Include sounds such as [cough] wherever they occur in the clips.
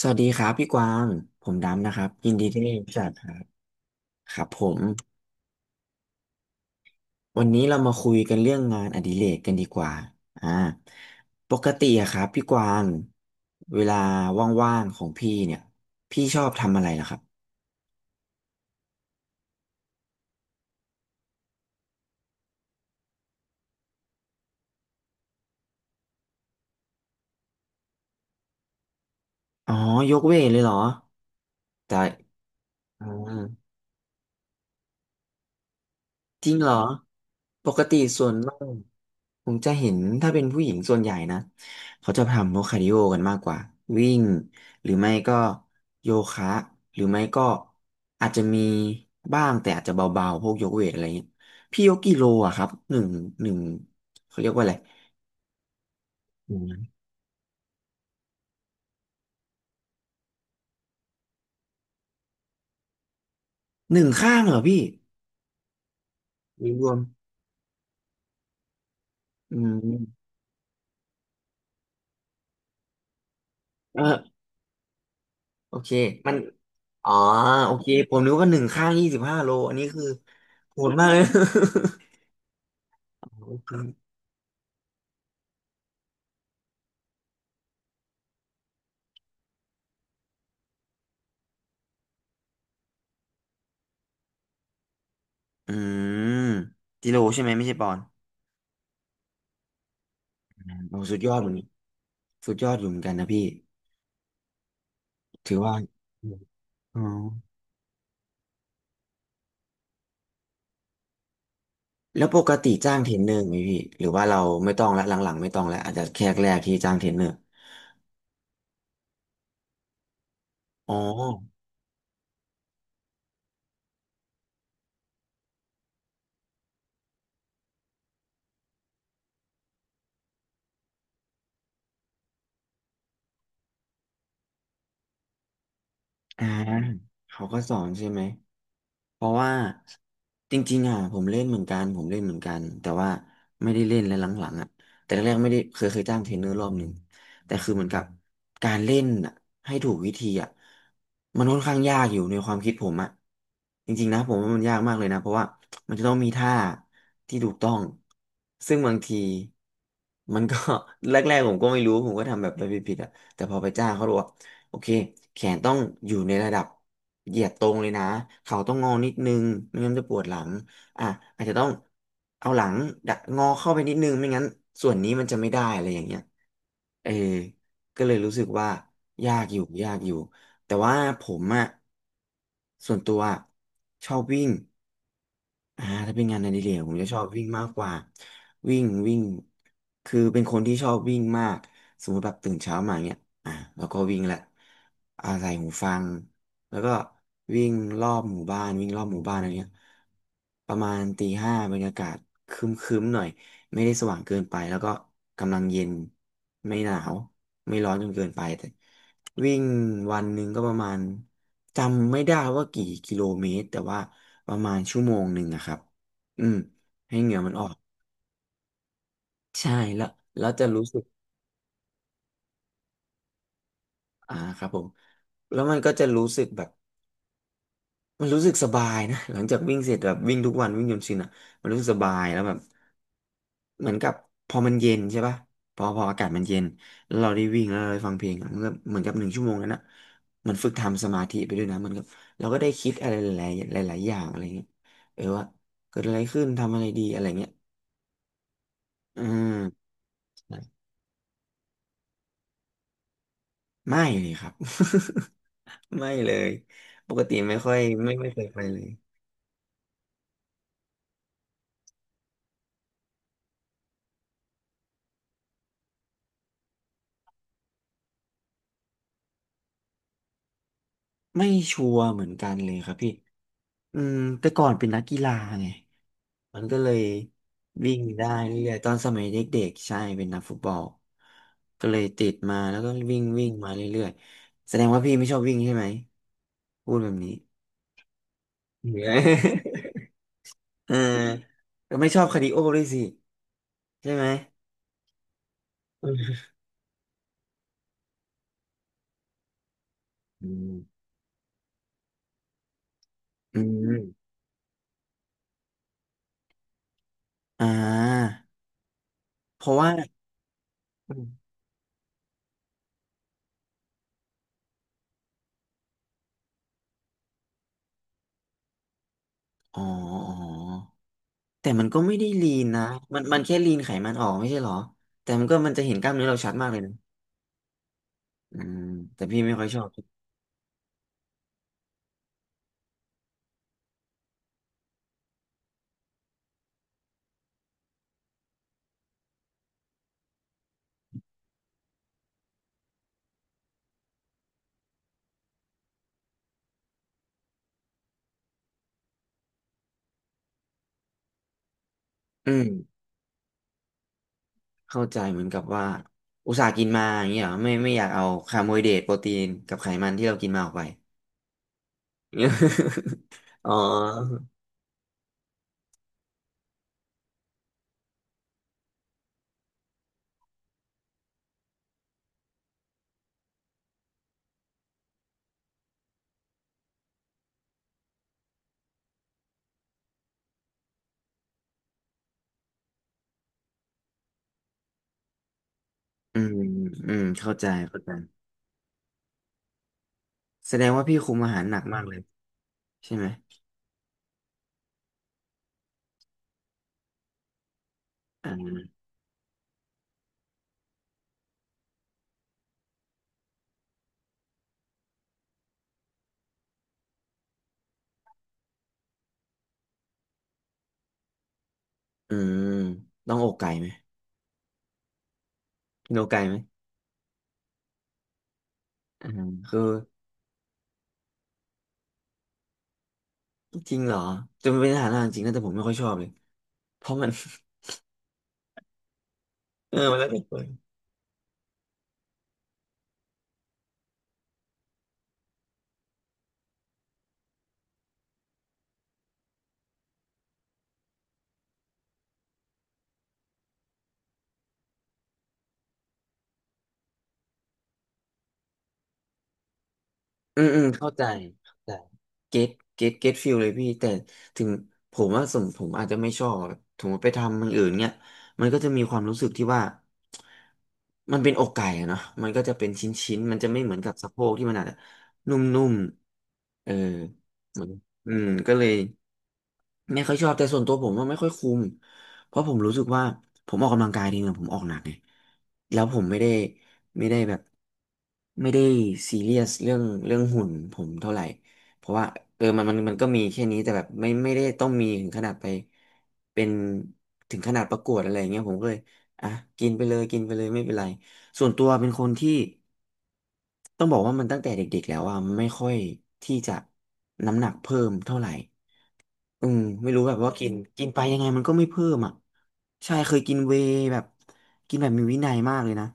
สวัสดีครับพี่กวาง ผมดำนะครับ ยินดีที่ได้รู้จักครับครับผม วันนี้เรามาคุยกันเรื่องงานอดิเรกกันดีกว่าอ่าปกติอะครับพี่กวาง เวลาว่างๆของพี่เนี่ย พี่ชอบทำอะไรล่ะครับอ๋อยกเวทเลยเหรอแต่อ๋อ จริงเหรอปกติส่วนมากผมจะเห็นถ้าเป็นผู้หญิงส่วนใหญ่นะเขาจะทำพวกคาร์ดิโอกันมากกว่าวิ่งหรือไม่ก็โยคะหรือไม่ก็อาจจะมีบ้างแต่อาจจะเบาๆพวกยกเวทอะไรเงี้ยพี่ยกกี่โลอะครับหนึ่งหนึ่งเขาเรียกว่าอะไรหนึ่งหนึ่งข้างเหรอพี่หรือรวมอืมเออโอเคมันอ๋อโอเคผมนึกว่าหนึ่งข้างยี่สิบห้าโลอันนี้คือโหดมากเลย [laughs] โอเค อืมจิโร่ใช่ไหมไม่ใช่ปอนโอ้สุดยอดเหมือนกันสุดยอดอยู่เหมือนกันนะพี่ ถือว่าอืมอ๋อ แล้วปกติจ้างเทรนเนอร์ไหมพี่ หรือว่าเราไม่ต้องละหลังๆไม่ต้องแล้วอาจจะแค่แรกที่จ้างเทรนเนอร์อ๋อ อ่าเขาก็สอนใช่ไหมเพราะว่าจริงๆอ่ะผมเล่นเหมือนกันผมเล่นเหมือนกันแต่ว่าไม่ได้เล่นแล้วหลังๆอ่ะแต่แรกๆไม่ได้เคยจ้างเทรนเนอร์รอบหนึ่งแต่คือเหมือนกับการเล่นอ่ะให้ถูกวิธีอ่ะมันค่อนข้างยากอยู่ในความคิดผมอ่ะจริงๆนะผมว่ามันยากมากเลยนะเพราะว่ามันจะต้องมีท่าที่ถูกต้องซึ่งบางทีมันก็ [laughs] แรกๆผมก็ไม่รู้ผมก็ทำแบบไปผิดๆอ่ะแต่พอไปจ้างเขาบอกว่า โอเคแขนต้องอยู่ในระดับเหยียดตรงเลยนะเข่าต้องงอนิดนึงไม่งั้นจะปวดหลังอ่ะอาจจะต้องเอาหลังดักงอเข้าไปนิดนึงไม่งั้นส่วนนี้มันจะไม่ได้อะไรอย่างเงี้ยเออก็เลยรู้สึกว่ายากอยู่แต่ว่าผมอะส่วนตัวอะชอบวิ่ง ถ้าเป็นงานอดิเรกผมจะชอบวิ่งมากกว่าวิ่งวิ่งคือเป็นคนที่ชอบวิ่งมากสมมติแบบตื่นเช้ามาเนี้ยอ่าแล้วก็วิ่งแหละใส่หูฟังแล้วก็วิ่งรอบหมู่บ้านวิ่งรอบหมู่บ้านอะไรเงี้ยประมาณตีห้าบรรยากาศครึ้มๆหน่อย ไม่ได้สว่างเกินไปแล้วก็กำลังเย็นไม่หนาวไม่ร้อนจนเกินไปแต่วิ่งวันหนึ่งก็ประมาณจำไม่ได้ว่ากี่กิโลเมตรแต่ว่าประมาณชั่วโมงหนึ่งอะครับอืมให้เหงื่อมันออกใช่แล้วแล้วจะรู้สึกครับผมแล้วมันก็จะรู้สึกแบบ มันรู้สึกสบายนะหลังจากวิ่งเสร็จแบบวิ่งทุกวันวิ่งจนชินอ่ะมันรู้สึกสบายแล้วแบบเหมือนกับพอมันเย็นใช่ปะพออากาศมันเย็นแล้วเราได้วิ่งแล้วเราได้ฟังเพลงอะมันก็เหมือนกับหนึ่งชั่วโมงนั้นอ่ะมันฝึกทำสมาธิไปด้วยนะมันก็เราก็ได้คิดอะไรหลายๆหลายๆอย่างอะไรเงี้ยเออว่าเกิดอะไรขึ้นทำอะไรดีอะไรเงี้ยอืมไม่เลยครับ [laughs] ไม่เลยปกติไม่ค่อยไม่เคยไปเลย ไม่ชัวร์เหมือนกันเลยครับพี่อืมแต่ก่อนเป็นนักกีฬาไงมันก็เลยวิ่งได้เรื่อยๆตอนสมัยเด็กๆใช่เป็นนักฟุตบอลก็เลยติดมาแล้วก็วิ่งวิ่งมาเรื่อยๆแสดงว่าพี่ไม่ชอบวิ่งใช่ไหมพูดแบบนี้เหนื่อย [laughs] เออก็ไม่ชอบคาร์ดิโอด้วยสิใช่ไหมอืมอืมอืมอ่าเพราะว่าอมอ๋ออ๋อ แต่มันก็ไม่ได้ลีนนะมันมันแค่ลีนไขมันออกไม่ใช่เหรอแต่มันก็มันจะเห็นกล้ามเนื้อเราชัดมากเลยนะอืมแต่พี่ไม่ค่อยชอบอืมเข้าใจเหมือนกับว่าอุตส่าห์กินมาอย่างเงี้ยเหรอไม่อยากเอาคาร์โบไฮเดรตโปรตีนกับไขมันที่เรากินมาออกไป [laughs] อ๋ออืมอืมเข้าใจแสดงว่าพี่คุมอาหารหนักมากเลยใช่ไหมอ่าอืมต้องอกไก่ไหมกินอกไก่ไหมอ่าคือจริงเหรอจะมันเป็นอาหารหลักจริงนะแต่ผมไม่ค่อยชอบเลยเพราะมัน มันแล้วแต่คนอืมอืมเข้าใจเข้าใจเก็ตเก็ตเก็ตฟิลเลยพี่แต่ถึงผมว่าสมผมอาจจะไม่ชอบถึงไปทำมันอื่นเนี้ยมันก็จะมีความรู้สึกที่ว่ามันเป็นอกไก่อะเนาะมันก็จะเป็นชิ้นชิ้นมันจะไม่เหมือนกับสะโพกที่มันอาจจะนุ่มๆเหมือนอืมก็เลยไม่ค่อยชอบแต่ส่วนตัวผมว่าไม่ค่อยคุ้ม เพราะผมรู้สึกว่าผมออกกำลังกายดีนะผมออกหนักไงแล้วผมไม่ได้แบบไม่ได้ซีเรียสเรื่องหุ่นผมเท่าไหร่เพราะว่าอมันมันก็มีแค่นี้แต่แบบไม่ได้ต้องมีถึงขนาดไปเป็นถึงขนาดประกวดอะไรอย่างเงี้ยผมก็เลยอ่ะกินไปเลยกินไปเลยไม่เป็นไรส่วนตัวเป็นคนที่ต้องบอกว่ามันตั้งแต่เด็กๆแล้วอ่ะไม่ค่อยที่จะน้ำหนักเพิ่มเท่าไหร่ อืมไม่รู้แบบว่ากินกินไปยังไงมันก็ไม่เพิ่มอ่ะใช่เคยกินเวย์แบบกินแบบมีวินัยมากเลยนะ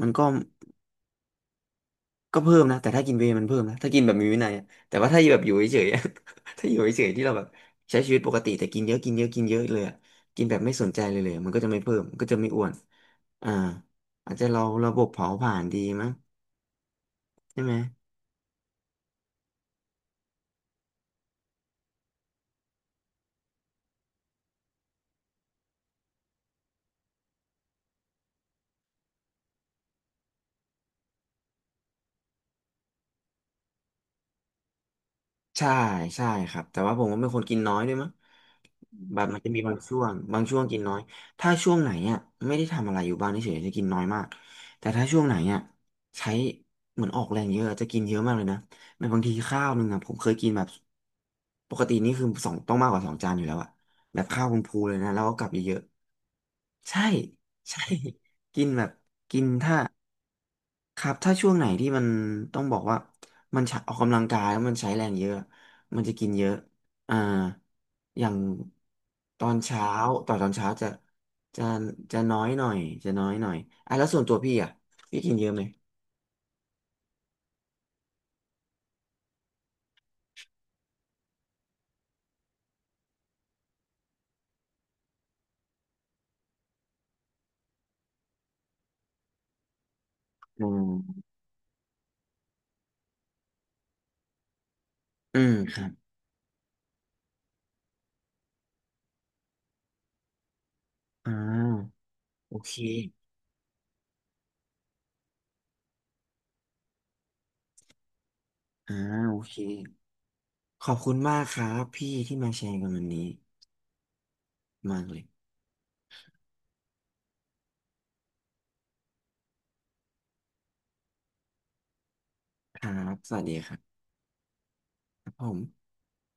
มันก็เพิ่มนะแต่ถ้ากินเวย์มันเพิ่มนะถ้ากินแบบมีวินัยอะแต่ว่าถ้าแบบอยู่เฉยๆอะ [laughs] ถ้าอยู่เฉยๆที่เราแบบใช้ชีวิตปกติแต่กินเยอะเลยอะกินแบบไม่สนใจเลยอะมันก็จะไม่เพิ่มมันก็จะไม่อ้วนอ่าอาจจะเราระบบเผาผลาญดีมั้งใช่ไหม ใช่ใช่ครับแต่ว่าผมก็เป็นคนกินน้อยด้วยมั้งแบบมันจะมีบางช่วงกินน้อยถ้าช่วงไหนอ่ะไม่ได้ทำอะไรอยู่บ้านเฉยๆจะกินน้อยมากแต่ถ้าช่วงไหนอ่ะใช้เหมือนออกแรงเยอะจะกินเยอะมากเลยนะแบบบางทีข้าวหนึ่งอ่ะผมเคยกินแบบปกตินี่คือสองต้องมากกว่าสองจานอยู่แล้วอ่ะแบบข้าวคุณพูเลยนะแล้วก็กลับเยอะๆใช่ใช่ [laughs] กินแบบกินถ้า ครับถ้าช่วงไหนที่มันต้องบอกว่ามันใช้ออกกำลังกายแล้วมันใช้แรงเยอะมันจะกินเยอะอ่าอย่างตอนเช้าต่อตอนเช้าจะจะน้อยหน่อยจะน้อยหน่อยอ่ะแล้วส่วนตัวพี่อ่ะพี่กินเยอะไหมอืมอืมครับอ่าโอเคอ่าโอเคขอบคุณมากครับพี่ที่มาแชร์กันวันนี้มากเลยครับสวัสดีครับครับผม